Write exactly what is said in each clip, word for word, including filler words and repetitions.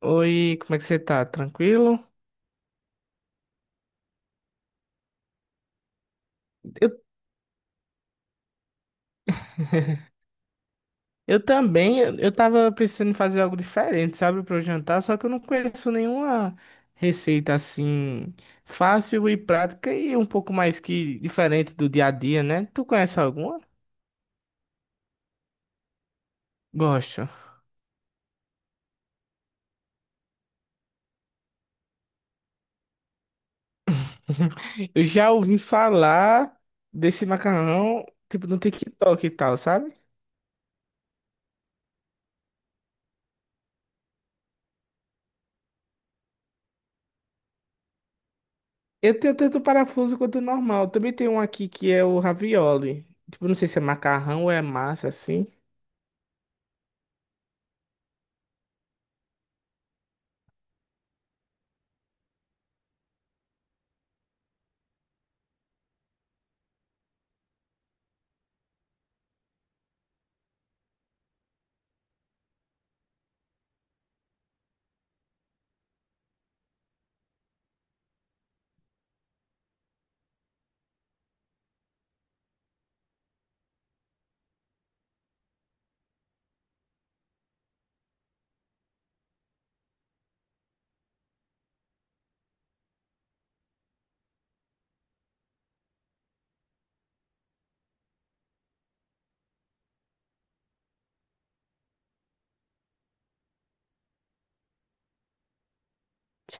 Oi, como é que você tá? Tranquilo? Eu, eu também, eu eu tava pensando fazer algo diferente, sabe, para o jantar, só que eu não conheço nenhuma receita assim fácil e prática e um pouco mais que diferente do dia a dia, né? Tu conhece alguma? Gosto. Eu já ouvi falar desse macarrão, tipo, no TikTok e tal, sabe? Eu tenho tanto o parafuso quanto o normal. Também tem um aqui que é o ravioli. Tipo, não sei se é macarrão ou é massa, assim.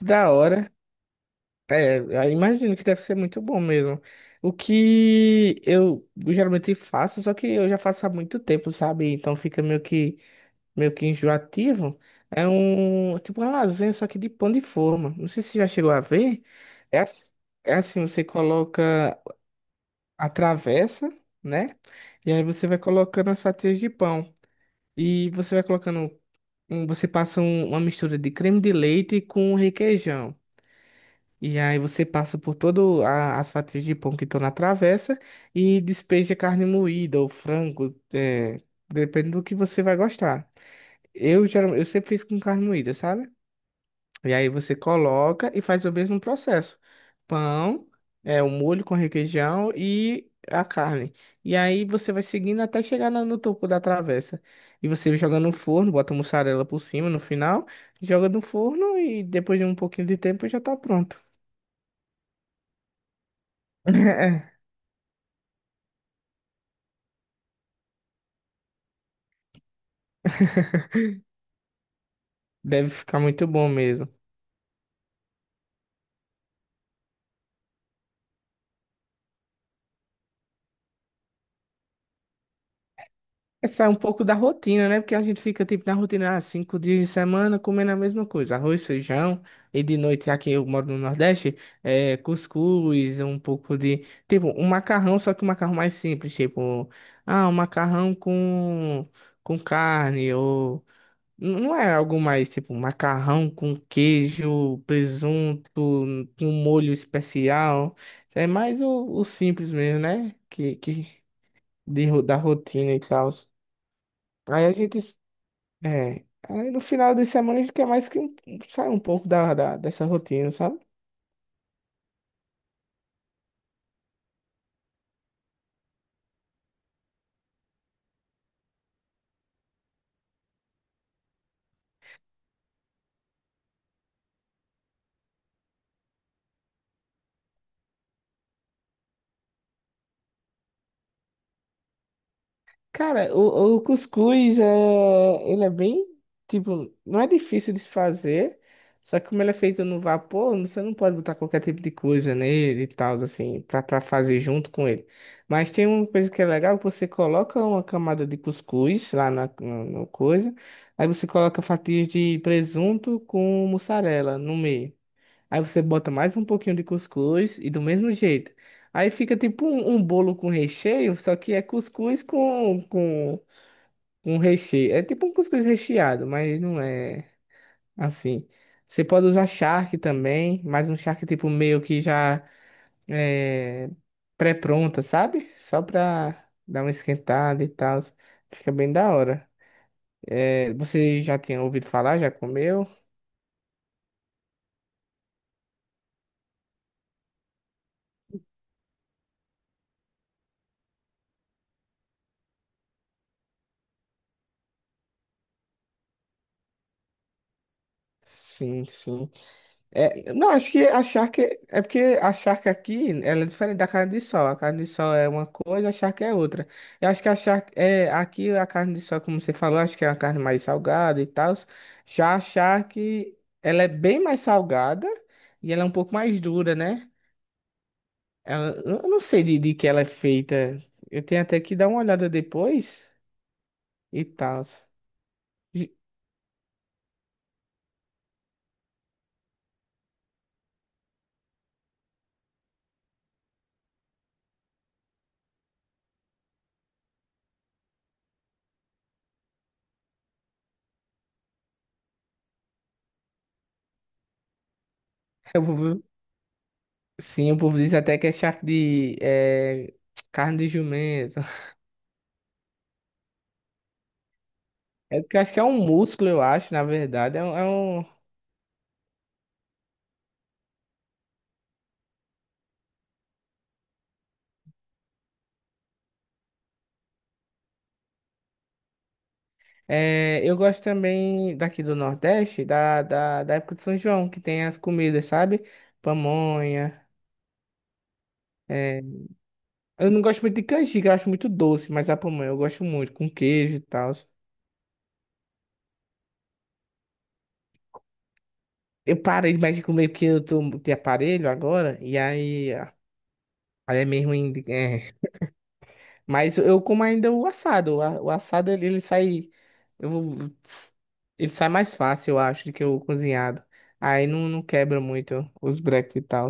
Da hora. É, eu imagino que deve ser muito bom mesmo. O que eu geralmente faço, só que eu já faço há muito tempo, sabe? Então fica meio que, meio que enjoativo. É um, tipo uma lasanha, só que de pão de forma. Não sei se você já chegou a ver. É, ass- é assim, você coloca a travessa, né? E aí você vai colocando as fatias de pão. E você vai colocando, um- você passa um- uma mistura de creme de leite com requeijão. E aí você passa por todas as fatias de pão que estão na travessa e despeja carne moída ou frango, é, depende do que você vai gostar. Eu, geralmente, eu sempre fiz com carne moída, sabe? E aí você coloca e faz o mesmo processo. Pão, é, o molho com requeijão e a carne. E aí você vai seguindo até chegar na- no topo da travessa. E você joga no forno, bota mussarela por cima no final, joga no forno e depois de um pouquinho de tempo já tá pronto. Deve ficar muito bom mesmo. É sair um pouco da rotina, né? Porque a gente fica tipo na rotina, ah, cinco dias de semana comendo a mesma coisa, arroz, feijão, e de noite aqui eu moro no Nordeste, é cuscuz, um pouco de. Tipo, um macarrão, só que um macarrão mais simples, tipo, ah, um macarrão com, com carne, ou. n- Não é algo mais tipo macarrão com queijo, presunto, com um molho especial. É mais o, o simples mesmo, né? Que, que de, ro- da rotina e tal. Aí a gente, é, aí no final de semana a gente quer mais que um- sair um pouco da, da- dessa rotina, sabe? Cara, o, o cuscuz é, ele é bem, tipo, não é difícil de se fazer, só que como ele é feito no vapor, você não pode botar qualquer tipo de coisa nele e tal, assim, pra, pra fazer junto com ele. Mas tem uma coisa que é legal, que você coloca uma camada de cuscuz lá na, na, na coisa, aí você coloca fatias de presunto com mussarela no meio. Aí você bota mais um pouquinho de cuscuz e do mesmo jeito. Aí fica tipo um, um bolo com recheio, só que é cuscuz com, com, com recheio. É tipo um cuscuz recheado, mas não é assim. Você pode usar charque também, mas um charque tipo meio que já é pré-pronta, sabe? Só pra dar uma esquentada e tal. Fica bem da hora. É, você já tinha ouvido falar? Já comeu? Sim, sim. É, não, acho que a charque é porque a charque aqui ela é diferente da carne de sol. A carne de sol é uma coisa, a charque é outra. Eu acho que a charque é aqui a carne de sol, como você falou, acho que é uma carne mais salgada e tal. Já a charque ela é bem mais salgada e ela é um pouco mais dura, né? Ela- eu não sei de, de que ela é feita. Eu tenho até que dar uma olhada depois e tal. Eu vou- Sim, o povo diz até que é charque de é, carne de jumento. É porque eu acho que é um músculo, eu acho, na verdade. É um. é um- é, eu gosto também daqui do Nordeste, da, da, da época de São João, que tem as comidas, sabe? Pamonha. É. Eu não gosto muito de canjica, eu acho muito doce, mas a pamonha eu gosto muito, com queijo e tal. Eu parei mais de comer porque eu tô de aparelho agora, e aí, ah, aí é mesmo. Mas eu como ainda o assado. O a- o assado ele, ele sai. eu- Ele sai mais fácil, eu acho, do que o cozinhado. Aí não, não quebra muito os breques e tal.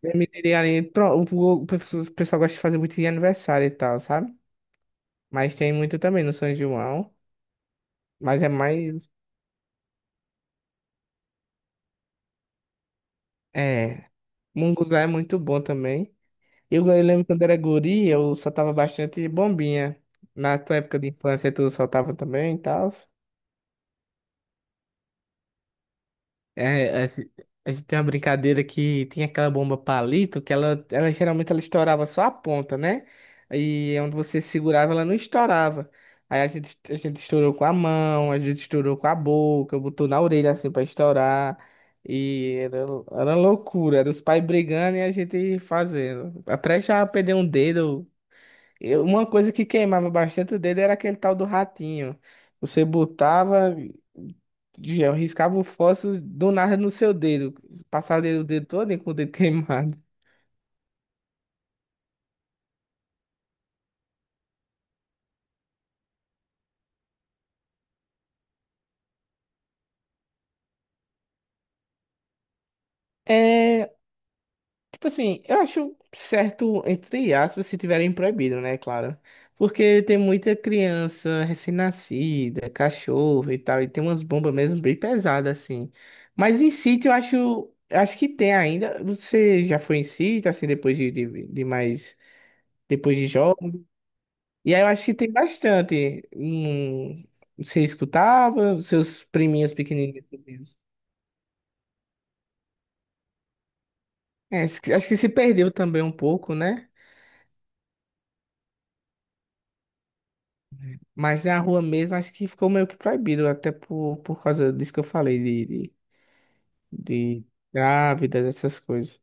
Permitiria ali. pro- O pessoal o pessoal gosta de fazer muito de aniversário e tal, sabe? Mas tem muito também no São João. Mas é mais. É. Munguzá é muito bom também. Eu, eu lembro quando era guri, eu soltava bastante bombinha. Na tua época de infância, tu soltava também e tal. É, a gen- a gente tem uma brincadeira que tem aquela bomba palito que ela, ela geralmente ela estourava só a ponta, né? E é onde você segurava, ela não estourava. Aí a gente, a gente estourou com a mão, a gente estourou com a boca, botou na orelha assim pra estourar. E era, era loucura, era os pais brigando e a gente fazendo. Até já perder um dedo. Eu- uma coisa que queimava bastante o dedo era aquele tal do ratinho. Você botava, já riscava o fósforo do nada no seu dedo. Passava o dedo, o dedo todo com o dedo queimado. É, tipo assim, eu acho certo, entre aspas, se tiverem proibido, né, claro. Porque tem muita criança recém-nascida, cachorro e tal, e tem umas bombas mesmo bem pesadas, assim. Mas em sítio, eu acho, eu acho, que tem ainda. Você já foi em sítio, assim, depois de, de, de mais depois de jovem. E aí eu acho que tem bastante. Hum, você escutava, seus priminhos pequenininhos ouviam. É, acho que acho que se perdeu também um pouco, né? Mas na rua mesmo acho que ficou meio que proibido, até por, por causa disso que eu falei, de, de, de grávidas, essas coisas.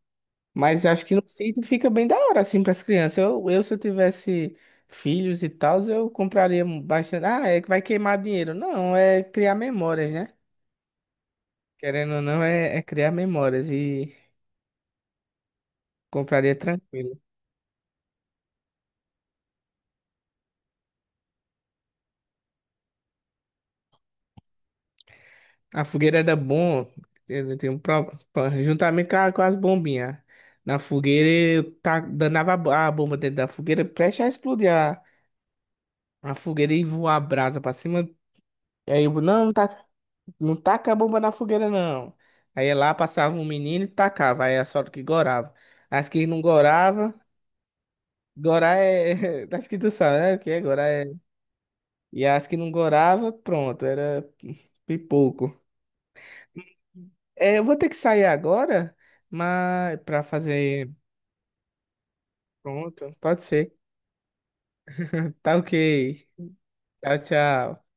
Mas acho que no sítio fica bem da hora, assim, para as crianças. Eu, eu, se eu tivesse filhos e tal, eu compraria bastante. Ah, é que vai queimar dinheiro. Não, é criar memórias, né? Querendo ou não, é, é criar memórias e compraria tranquilo. A fogueira era bom, eu tenho um pro- pro- juntamente com, a- com as bombinhas. Na fogueira, eu tá, danava a bo- a bomba dentro da fogueira, preste a explodir a, a fogueira e voar a brasa pra cima. Aí eu, não, não, tá, não taca a bomba na fogueira, não. Aí ia lá passava um menino e tacava, aí a sorte que gorava. As que não gorava, gorar é. Acho que tu sabe, né? O que é gorar? E as que não gorava, pronto, era pipoco. É, eu vou ter que sair agora, mas para fazer, pronto, pode ser. Tá ok. Tchau, tchau.